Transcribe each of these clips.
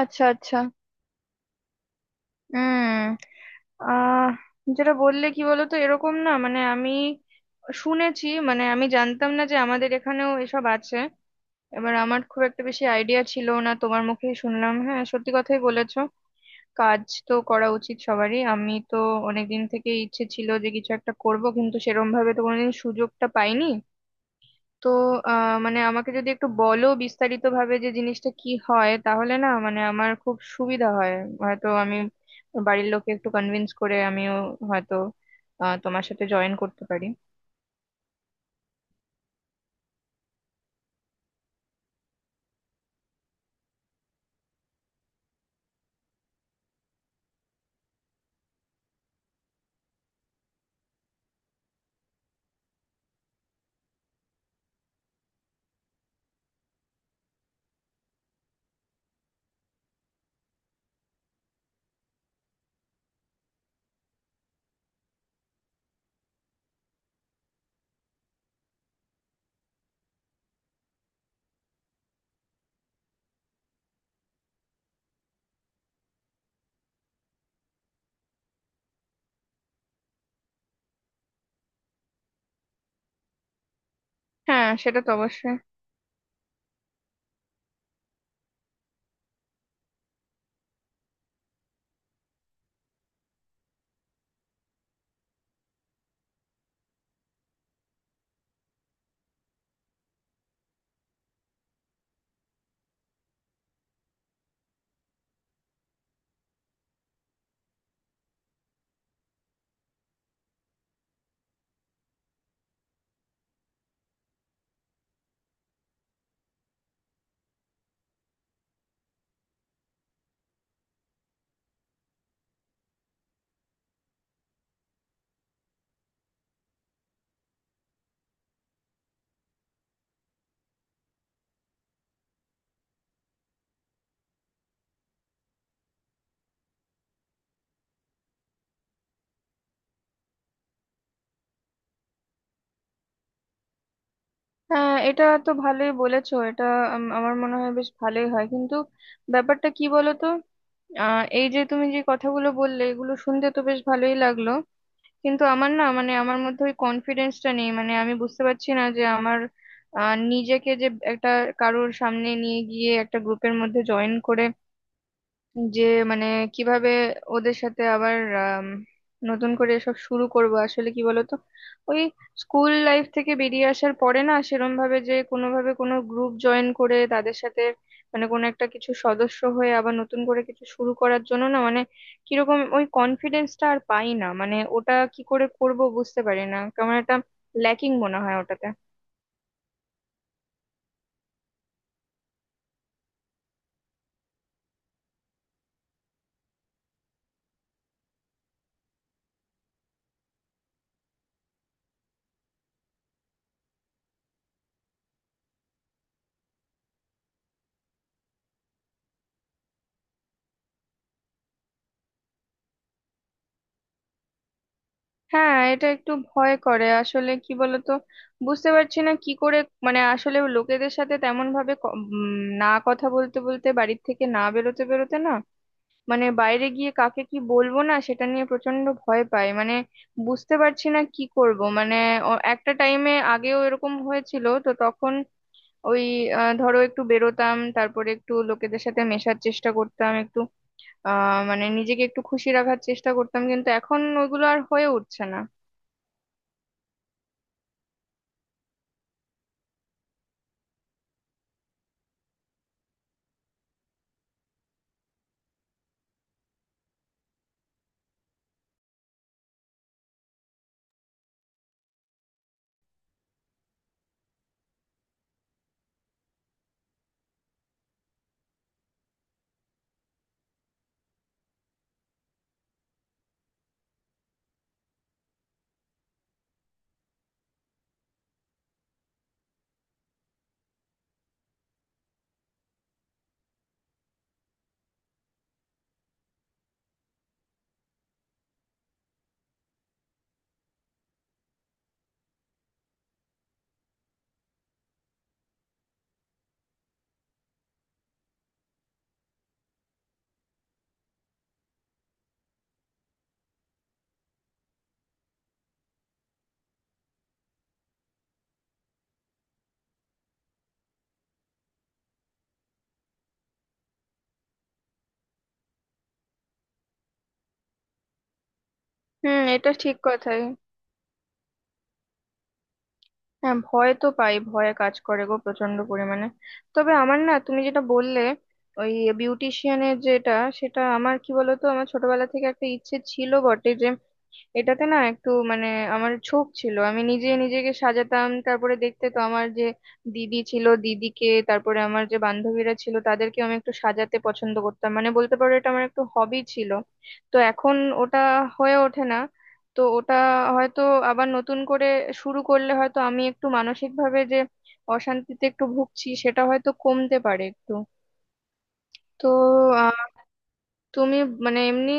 আচ্ছা, আচ্ছা। হুম। আহ যেটা বললে কি বলতো, এরকম না, মানে আমি শুনেছি, মানে আমি জানতাম না যে আমাদের এখানেও এসব আছে। এবার আমার খুব একটা বেশি আইডিয়া ছিল না, তোমার মুখেই শুনলাম। হ্যাঁ, সত্যি কথাই বলেছো, কাজ তো করা উচিত সবারই। আমি তো অনেকদিন থেকে ইচ্ছে ছিল যে কিছু একটা করব, কিন্তু সেরম ভাবে তো কোনোদিন সুযোগটা পাইনি। তো মানে আমাকে যদি একটু বলো বিস্তারিত ভাবে যে জিনিসটা কি হয়, তাহলে না মানে আমার খুব সুবিধা হয়। হয়তো আমি বাড়ির লোককে একটু কনভিন্স করে আমিও হয়তো তোমার সাথে জয়েন করতে পারি। হ্যাঁ, সেটা তো অবশ্যই। হ্যাঁ, এটা তো ভালোই বলেছো এটা। আমার মনে হয় বেশ ভালোই হয়, কিন্তু ব্যাপারটা কি বলো তো, এই যে তুমি যে কথাগুলো বললে এগুলো শুনতে তো বেশ ভালোই লাগলো, কিন্তু আমার না মানে আমার মধ্যে ওই কনফিডেন্সটা নেই। মানে আমি বুঝতে পারছি না যে আমার নিজেকে যে একটা কারোর সামনে নিয়ে গিয়ে একটা গ্রুপের মধ্যে জয়েন করে, যে মানে কিভাবে ওদের সাথে আবার আম, নতুন করে এসব শুরু করব। আসলে কি বলতো, ওই স্কুল লাইফ থেকে বেরিয়ে আসার পরে না সেরম ভাবে যে কোনোভাবে কোনো গ্রুপ জয়েন করে তাদের সাথে মানে কোনো একটা কিছু সদস্য হয়ে আবার নতুন করে কিছু শুরু করার জন্য না মানে কিরকম ওই কনফিডেন্সটা আর পাই না, মানে ওটা কি করে করব বুঝতে পারি না, কেমন একটা ল্যাকিং মনে হয় ওটাতে। হ্যাঁ, এটা একটু ভয় করে। আসলে কি বলতো, বুঝতে পারছি না কি করে, মানে আসলে লোকেদের সাথে তেমন ভাবে না কথা বলতে বলতে, বাড়ির থেকে না বেরোতে বেরোতে না মানে বাইরে গিয়ে কাকে কি বলবো না সেটা নিয়ে প্রচন্ড ভয় পাই। মানে বুঝতে পারছি না কি করব, মানে একটা টাইমে আগেও এরকম হয়েছিল তো, তখন ওই ধরো একটু বেরোতাম, তারপরে একটু লোকেদের সাথে মেশার চেষ্টা করতাম, একটু মানে নিজেকে একটু খুশি রাখার চেষ্টা করতাম, কিন্তু এখন ওইগুলো আর হয়ে উঠছে না। হুম, এটা ঠিক কথাই। হ্যাঁ, ভয় তো পাই, ভয়ে কাজ করে গো প্রচন্ড পরিমাণে। তবে আমার না তুমি যেটা বললে, ওই বিউটিশিয়ানের যেটা, সেটা আমার কি বলতো, আমার ছোটবেলা থেকে একটা ইচ্ছে ছিল বটে যে এটাতে না একটু মানে আমার ঝোঁক ছিল। আমি নিজে নিজেকে সাজাতাম, তারপরে দেখতে তো আমার যে দিদি ছিল দিদিকে, তারপরে আমার যে বান্ধবীরা ছিল তাদেরকে আমি একটু সাজাতে পছন্দ করতাম, মানে বলতে পারো এটা আমার একটু হবি ছিল। তো এখন ওটা হয়ে ওঠে না। তো ওটা হয়তো আবার নতুন করে শুরু করলে হয়তো আমি একটু, মানসিকভাবে যে অশান্তিতে একটু ভুগছি, সেটা হয়তো কমতে পারে একটু। তো তুমি মানে এমনি,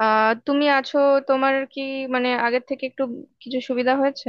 তুমি আছো, তোমার কি মানে আগের থেকে একটু কিছু সুবিধা হয়েছে?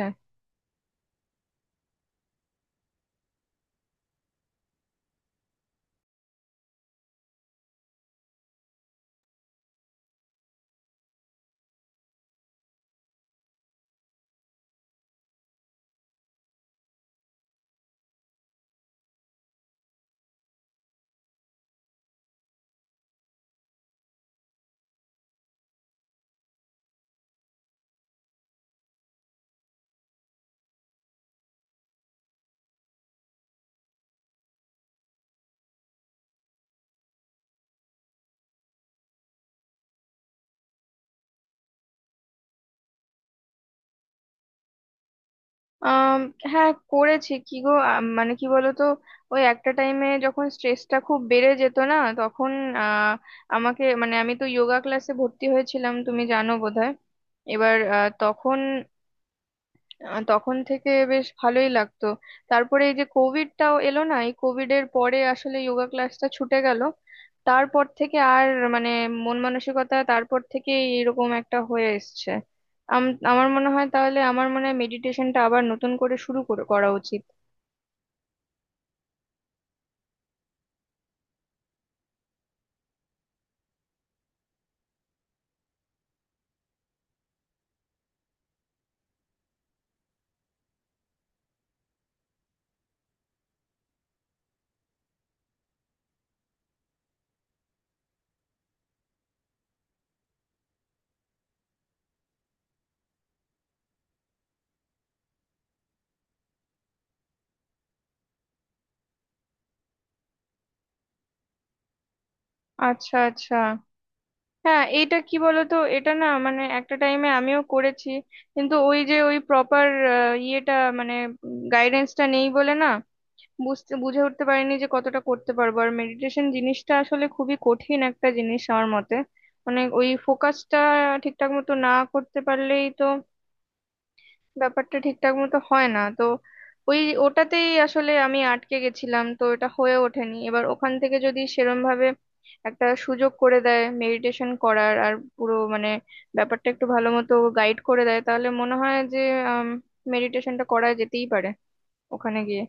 আম, হ্যাঁ, করেছি। কি গো মানে কি বলতো, ওই একটা টাইমে যখন স্ট্রেসটা খুব বেড়ে যেত না তখন আহ, আমাকে মানে আমি তো যোগা ক্লাসে ভর্তি হয়েছিলাম, তুমি জানো বোধহয়। এবার আহ, তখন আহ তখন থেকে বেশ ভালোই লাগতো। তারপরে এই যে কোভিডটাও এলো না, এই কোভিড এর পরে আসলে যোগা ক্লাসটা ছুটে গেল। তারপর থেকে আর মানে মন মানসিকতা তারপর থেকে এরকম একটা হয়ে এসছে। আমার মনে হয়, তাহলে আমার মনে হয় মেডিটেশনটা আবার নতুন করে শুরু করে করা উচিত। আচ্ছা, আচ্ছা। হ্যাঁ, এটা কি বলতো, এটা না মানে একটা টাইমে আমিও করেছি, কিন্তু ওই যে ওই প্রপার ইয়েটা, মানে গাইডেন্সটা নেই বলে না বুঝে উঠতে পারিনি যে কতটা করতে পারবো। আর মেডিটেশন জিনিসটা আসলে খুবই কঠিন একটা জিনিস আমার মতে, মানে ওই ফোকাসটা ঠিকঠাক মতো না করতে পারলেই তো ব্যাপারটা ঠিকঠাক মতো হয় না তো। ওই ওটাতেই আসলে আমি আটকে গেছিলাম, তো এটা হয়ে ওঠেনি। এবার ওখান থেকে যদি সেরম ভাবে একটা সুযোগ করে দেয় মেডিটেশন করার, আর পুরো মানে ব্যাপারটা একটু ভালো মতো গাইড করে দেয়, তাহলে মনে হয় যে মেডিটেশনটা করা যেতেই পারে ওখানে গিয়ে।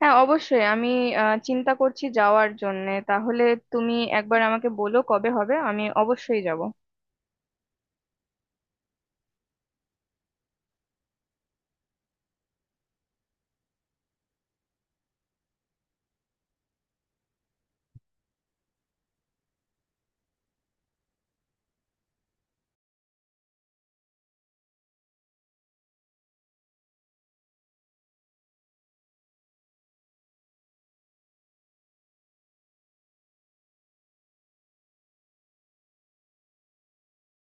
হ্যাঁ অবশ্যই, আমি চিন্তা করছি যাওয়ার জন্য। তাহলে তুমি একবার আমাকে বলো কবে হবে, আমি অবশ্যই যাব।